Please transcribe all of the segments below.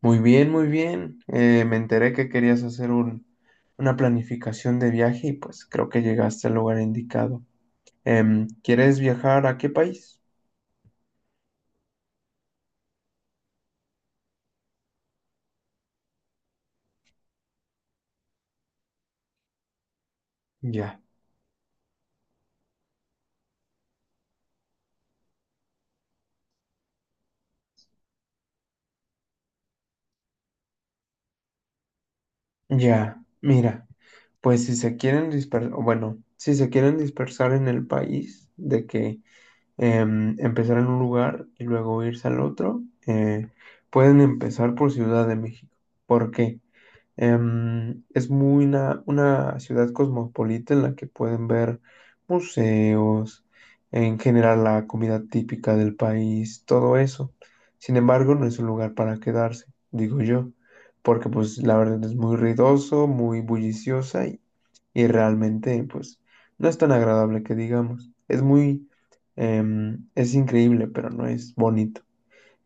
Muy bien, muy bien. Me enteré que querías hacer una planificación de viaje y pues creo que llegaste al lugar indicado. ¿Quieres viajar a qué país? Ya, ya. Mira, pues si se quieren dispersar, bueno, si se quieren dispersar en el país, de que empezar en un lugar y luego irse al otro, pueden empezar por Ciudad de México. ¿Por qué? Es muy una ciudad cosmopolita en la que pueden ver museos, en general la comida típica del país, todo eso. Sin embargo, no es un lugar para quedarse, digo yo, porque pues la verdad es muy ruidoso, muy bulliciosa y realmente pues no es tan agradable que digamos. Es muy, es increíble, pero no es bonita.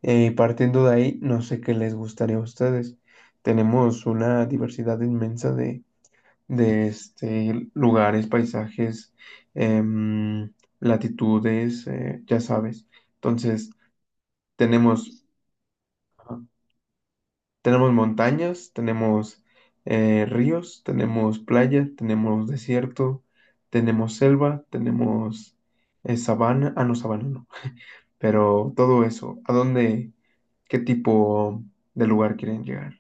Y partiendo de ahí, no sé qué les gustaría a ustedes. Tenemos una diversidad inmensa de, este, lugares, paisajes, em, latitudes, ya sabes. Entonces, tenemos, ajá, tenemos montañas, tenemos ríos, tenemos playa, tenemos desierto, tenemos selva, tenemos sabana. Ah, no, sabana no. Pero todo eso, ¿a dónde, qué tipo de lugar quieren llegar?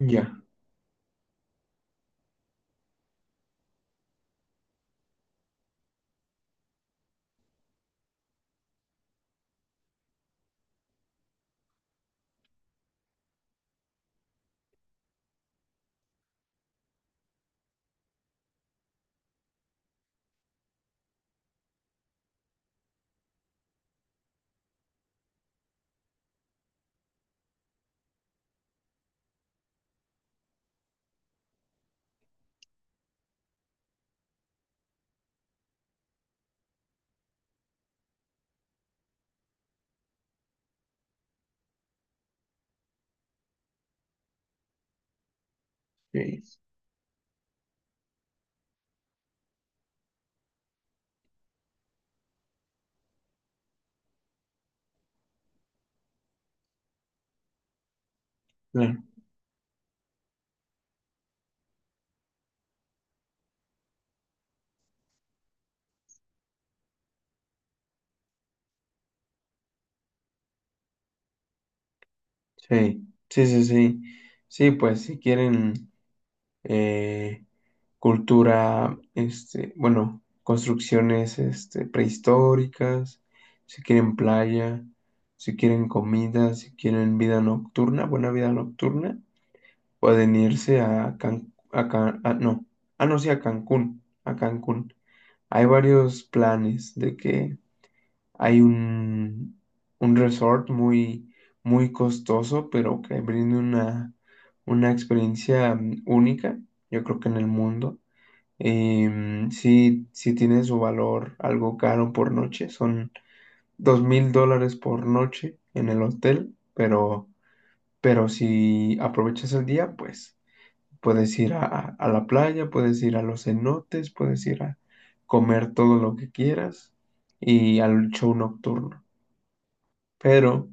Ya, ok. Sí, claro, sí, sí, sí, sí, sí, pues si quieren eh, cultura, este, bueno, construcciones este, prehistóricas, si quieren playa, si quieren comida, si quieren vida nocturna, buena vida nocturna, pueden irse a Cancún, no, ah, no, sí, a Cancún, a Cancún. Hay varios planes de que. Hay un resort muy, muy costoso, pero que brinda una experiencia única, yo creo que en el mundo. Sí, sí tiene su valor algo caro por noche, son $2,000 por noche en el hotel, pero si aprovechas el día, pues puedes ir a, a la playa, puedes ir a los cenotes, puedes ir a comer todo lo que quieras y al show nocturno. Pero,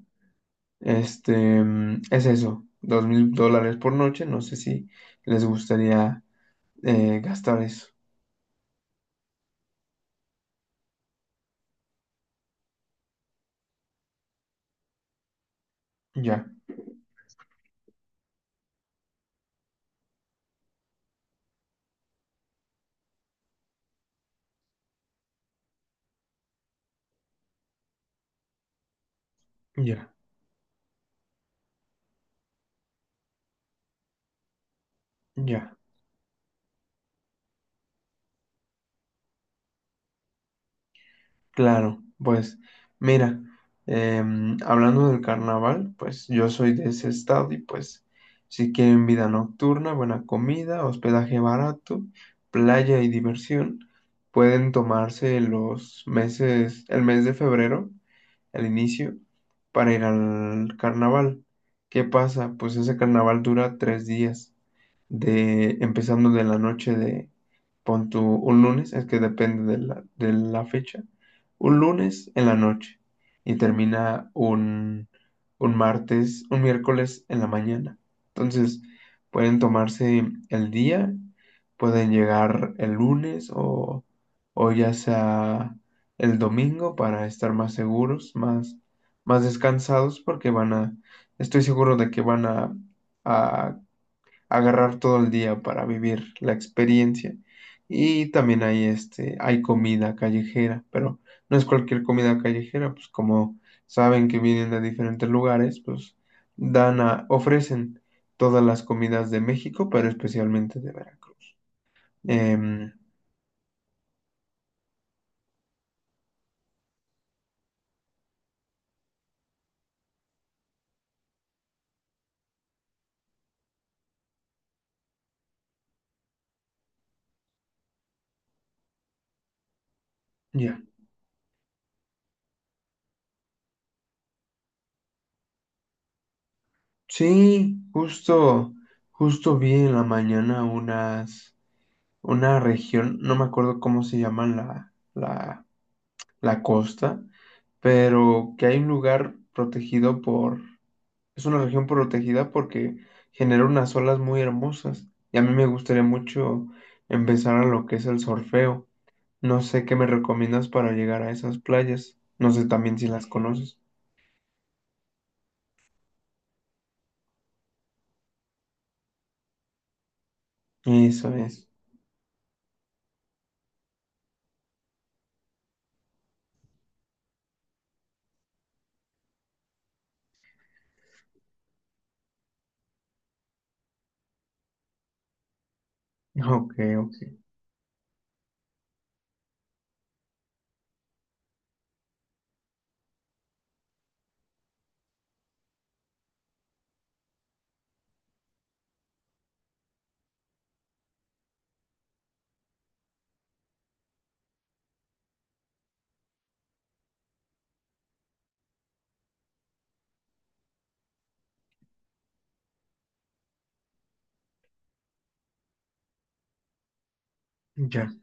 este, es eso, $2,000 por noche. No sé si les gustaría gastar eso. Ya, ya, ya. Claro, pues, mira, hablando del carnaval, pues yo soy de ese estado y pues, si quieren vida nocturna, buena comida, hospedaje barato, playa y diversión, pueden tomarse los meses, el mes de febrero al inicio para ir al carnaval. ¿Qué pasa? Pues ese carnaval dura 3 días, de empezando de la noche de, pon tú un lunes, es que depende de la fecha, un lunes en la noche y termina un, martes, un miércoles en la mañana. Entonces, pueden tomarse el día, pueden llegar el lunes o ya sea el domingo para estar más seguros, más descansados, porque van a, estoy seguro de que van a agarrar todo el día para vivir la experiencia. Y también hay este, hay comida callejera, pero no es cualquier comida callejera, pues como saben que vienen de diferentes lugares, pues ofrecen todas las comidas de México, pero especialmente de Veracruz. Em, ya. Sí, justo vi en la mañana unas, una región, no me acuerdo cómo se llama la, la costa, pero que hay un lugar protegido por, es una región protegida porque genera unas olas muy hermosas y a mí me gustaría mucho empezar a lo que es el surfeo. No sé qué me recomiendas para llegar a esas playas. No sé también si las conoces. Eso es. Ok, ok. Ya.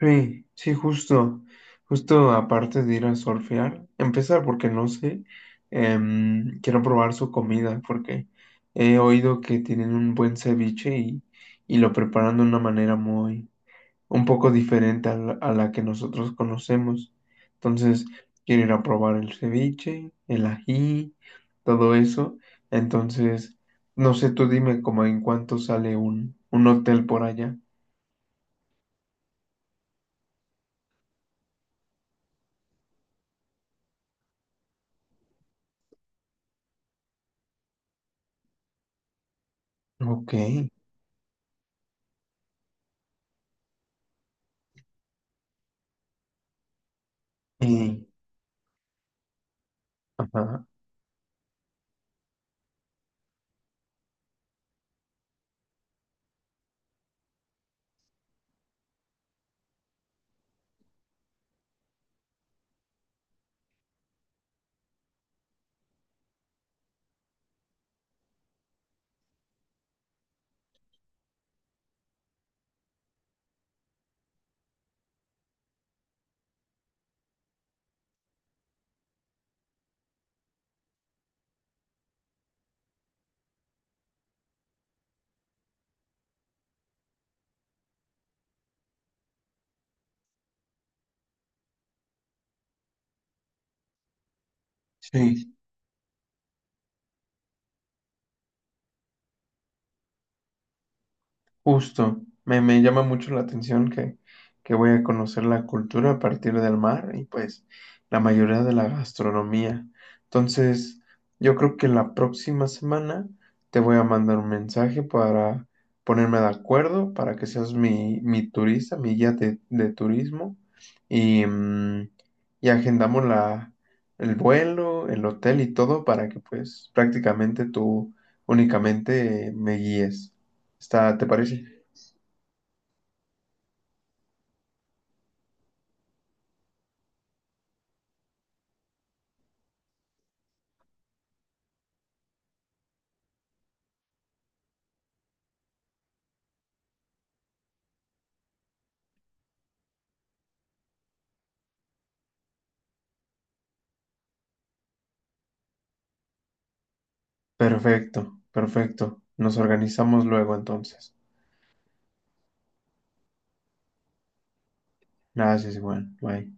Sí, sí, justo aparte de ir a surfear, empezar porque no sé, quiero probar su comida porque he oído que tienen un buen ceviche y lo preparan de una manera muy, un poco diferente a la que nosotros conocemos. Entonces, quiero ir a probar el ceviche, el ají, todo eso. Entonces, no sé, tú dime como en cuánto sale un, hotel por allá. Ok. y- Ajá. Sí, justo. Me llama mucho la atención que voy a conocer la cultura a partir del mar y pues la mayoría de la gastronomía. Entonces, yo creo que la próxima semana te voy a mandar un mensaje para ponerme de acuerdo, para que seas mi, turista, mi guía de turismo y, y agendamos la, el vuelo, el hotel y todo para que pues prácticamente tú únicamente me guíes. Está, ¿te parece? Perfecto, perfecto. Nos organizamos luego entonces. Gracias, Juan. Bye.